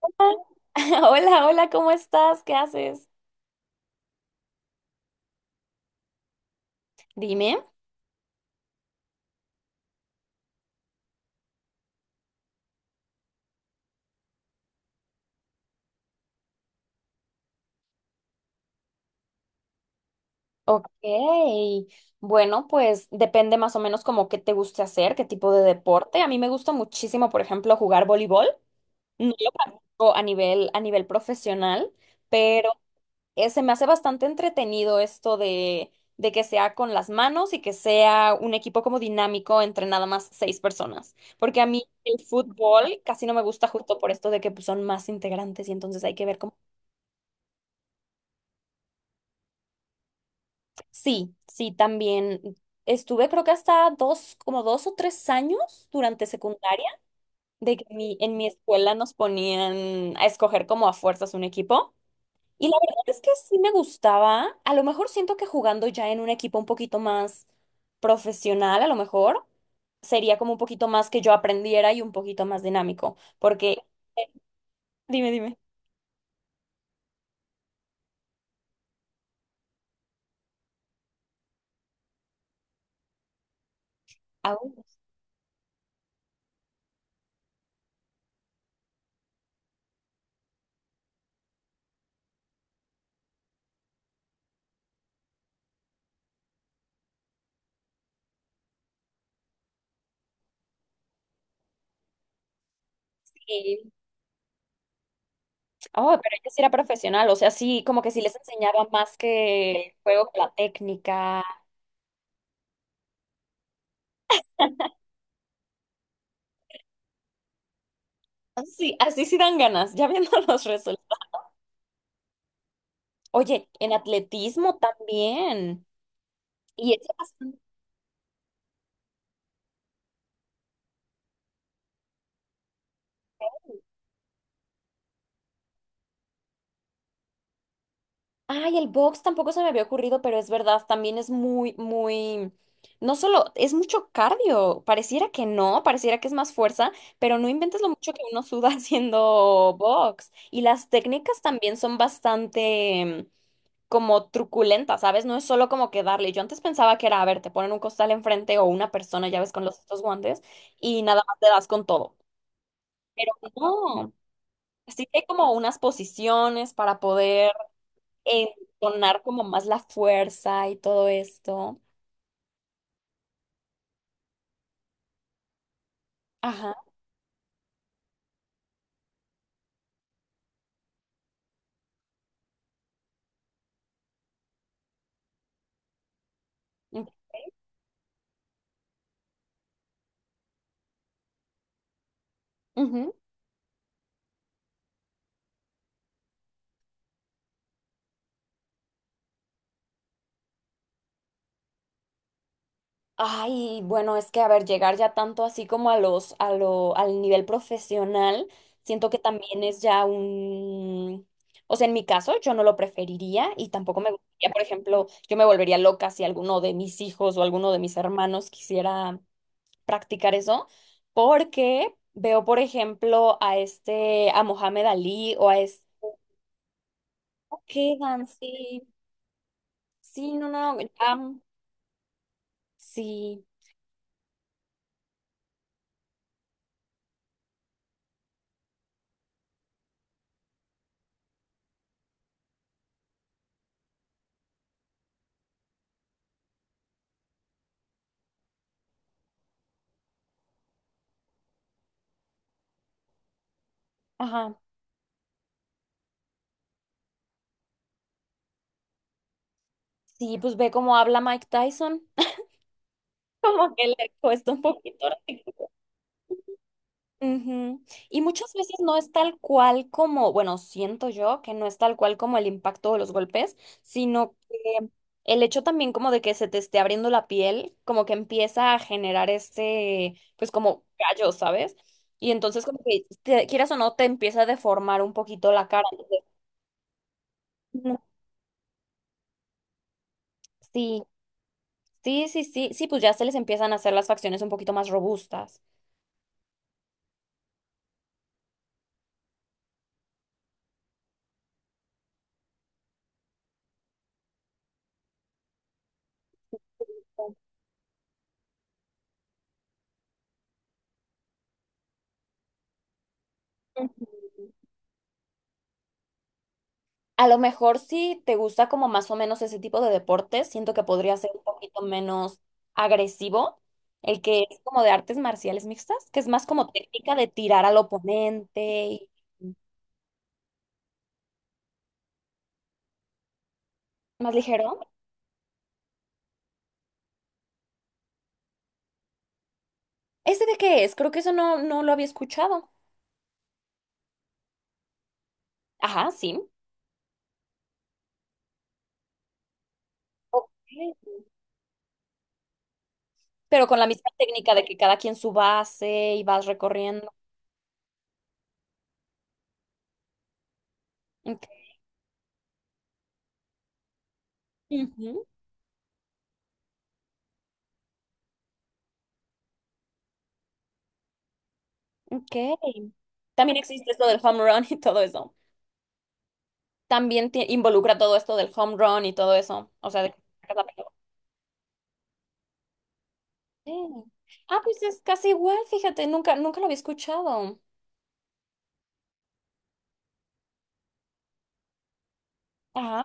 Hola, hola, ¿cómo estás? ¿Qué haces? Dime. Ok, bueno, pues depende más o menos como qué te guste hacer, qué tipo de deporte. A mí me gusta muchísimo, por ejemplo, jugar voleibol. No lo practico a nivel profesional, pero se me hace bastante entretenido esto de que sea con las manos y que sea un equipo como dinámico entre nada más 6 personas. Porque a mí el fútbol casi no me gusta justo por esto de que pues, son más integrantes y entonces hay que ver cómo. Sí, sí, también estuve creo que hasta como 2 o 3 años durante secundaria, de que en mi escuela nos ponían a escoger como a fuerzas un equipo. Y la verdad es que sí me gustaba. A lo mejor siento que jugando ya en un equipo un poquito más profesional, a lo mejor sería como un poquito más que yo aprendiera y un poquito más dinámico. Dime, dime. Aún sí. Oh, pero ella sí era profesional, o sea, sí, como que sí les enseñaba más que el juego, que la técnica. Sí, así sí dan ganas, ya viendo los resultados. Oye, en atletismo también. Y eso bastante-. Ay, el box tampoco se me había ocurrido, pero es verdad, también es muy, muy. No solo, es mucho cardio. Pareciera que no, pareciera que es más fuerza, pero no inventes lo mucho que uno suda haciendo box. Y las técnicas también son bastante como truculenta, ¿sabes? No es solo como que darle. Yo antes pensaba que era, a ver, te ponen un costal enfrente o una persona, ya ves, con los estos guantes y nada más te das con todo. Pero no, así que hay como unas posiciones para poder entonar como más la fuerza y todo esto. Ajá. Ujú. Ay, bueno, es que a ver, llegar ya tanto así como a los, a lo, al nivel profesional, siento que también es ya o sea, en mi caso yo no lo preferiría y tampoco me gustaría, por ejemplo, yo me volvería loca si alguno de mis hijos o alguno de mis hermanos quisiera practicar eso, porque veo, por ejemplo, a Mohamed Ali o quedan, sí, sí, no, no, ya, sí, ajá, sí, pues ve cómo habla Mike Tyson. Como que le cuesta un poquito articular. Ujú. Y muchas veces no es tal cual como, bueno, siento yo que no es tal cual como el impacto de los golpes, sino que el hecho también como de que se te esté abriendo la piel, como que empieza a generar este, pues como callo, ¿sabes? Y entonces como que quieras o no te empieza a deformar un poquito la cara. Entonces, no, sí, sí, sí, sí, sí, pues ya se les empiezan a hacer las facciones un poquito más robustas. Ujú. A lo mejor si te gusta como más o menos ese tipo de deportes, siento que podría ser un poquito menos agresivo, el que es como de artes marciales mixtas, que es más como técnica de tirar al oponente y más ligero. ¿Ese de qué es? Creo que eso no, no lo había escuchado. Ajá, sí. Ok. Pero con la misma técnica de que cada quien su base y vas recorriendo. Ok. Ujú, ok. También existe esto del home run y todo eso. También involucra todo esto del home run y todo eso. O sea, de que sacas la pelota. Sí. Ah, pues es casi igual, fíjate, nunca, nunca lo había escuchado. Ajá,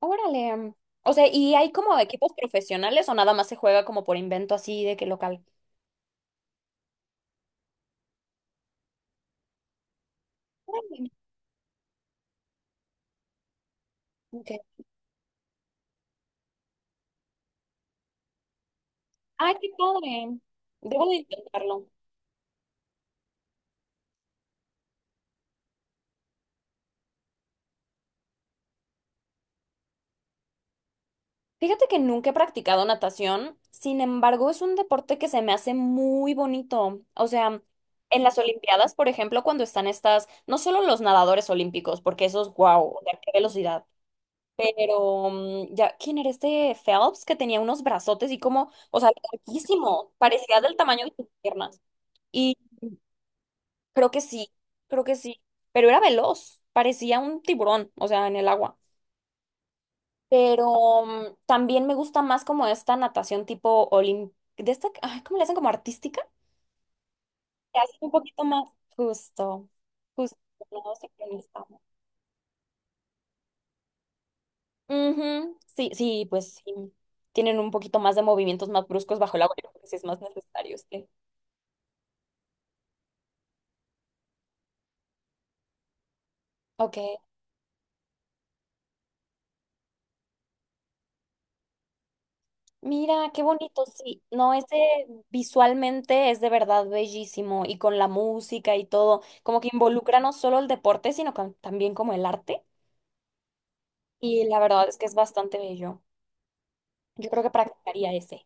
órale. O sea, ¿y hay como equipos profesionales o nada más se juega como por invento así de que local? Órale. Ok. Ay, qué padre. Debo de intentarlo. Fíjate que nunca he practicado natación, sin embargo, es un deporte que se me hace muy bonito. O sea, en las Olimpiadas, por ejemplo, cuando están estas, no solo los nadadores olímpicos, porque esos, wow, o sea, qué velocidad. Pero ya, ¿quién era este Phelps que tenía unos brazotes y como, o sea, larguísimo, parecía del tamaño de sus piernas? Y creo que sí, creo que sí, pero era veloz, parecía un tiburón, o sea, en el agua. Pero también me gusta más como esta natación tipo de esta, ay, ¿cómo le hacen? Como artística. Que hace un poquito más justo, justo, no sincronizado. Ujú, sí, sí, pues sí. Tienen un poquito más de movimientos más bruscos bajo el agua, yo creo que sí es más necesario este. Ok. Mira, qué bonito, sí. No, ese visualmente es de verdad bellísimo y con la música y todo, como que involucra no solo el deporte, sino también como el arte. Y la verdad es que es bastante bello. Yo creo que practicaría ese.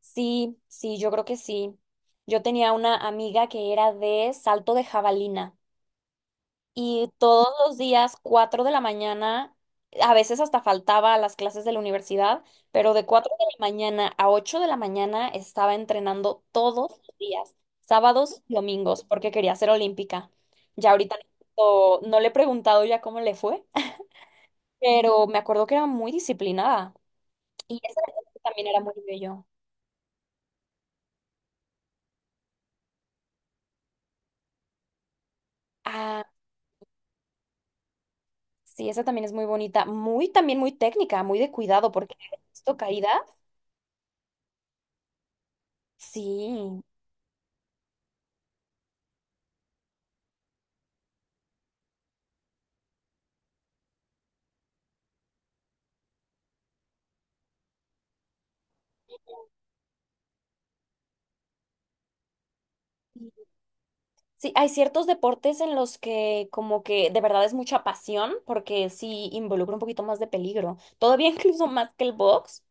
Sí, sí, yo creo que sí. Yo tenía una amiga que era de salto de jabalina y todos los días, 4 de la mañana, a veces hasta faltaba a las clases de la universidad, pero de 4 de la mañana a 8 de la mañana estaba entrenando todos los días, sábados y domingos, porque quería ser olímpica. Ya ahorita no, no le he preguntado ya cómo le fue, pero me acuerdo que era muy disciplinada y ese deporte también era muy bello. Sí, esa también es muy bonita, muy también muy técnica, muy de cuidado, porque esto caída, sí. Sí, hay ciertos deportes en los que como que de verdad es mucha pasión, porque sí involucra un poquito más de peligro, todavía incluso más que el box.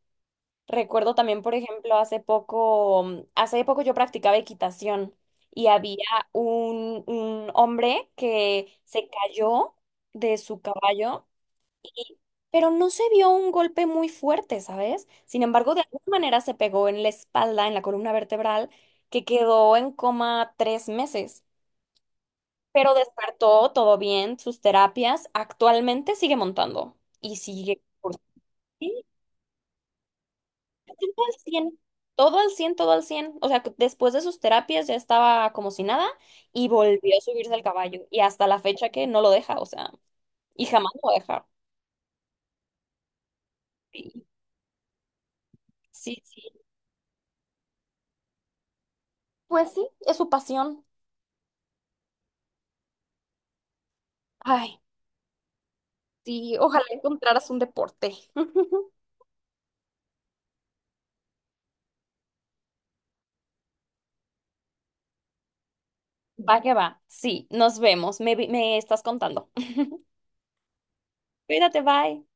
Recuerdo también, por ejemplo, hace poco, yo practicaba equitación y había un hombre que se cayó de su caballo y- pero no se vio un golpe muy fuerte, ¿sabes? Sin embargo, de alguna manera se pegó en la espalda, en la columna vertebral, que quedó en coma 3 meses. Pero despertó todo bien, sus terapias, actualmente sigue montando y sigue sí, todo al 100, todo al 100, todo al cien. O sea, que después de sus terapias ya estaba como si nada y volvió a subirse al caballo y hasta la fecha que no lo deja, o sea, y jamás lo va a dejar. Y- Sí, sí. Pues sí, es su pasión. Ay. Sí, ojalá encontraras un deporte. Va que va. Sí, nos vemos. Me estás contando. Cuídate, bye.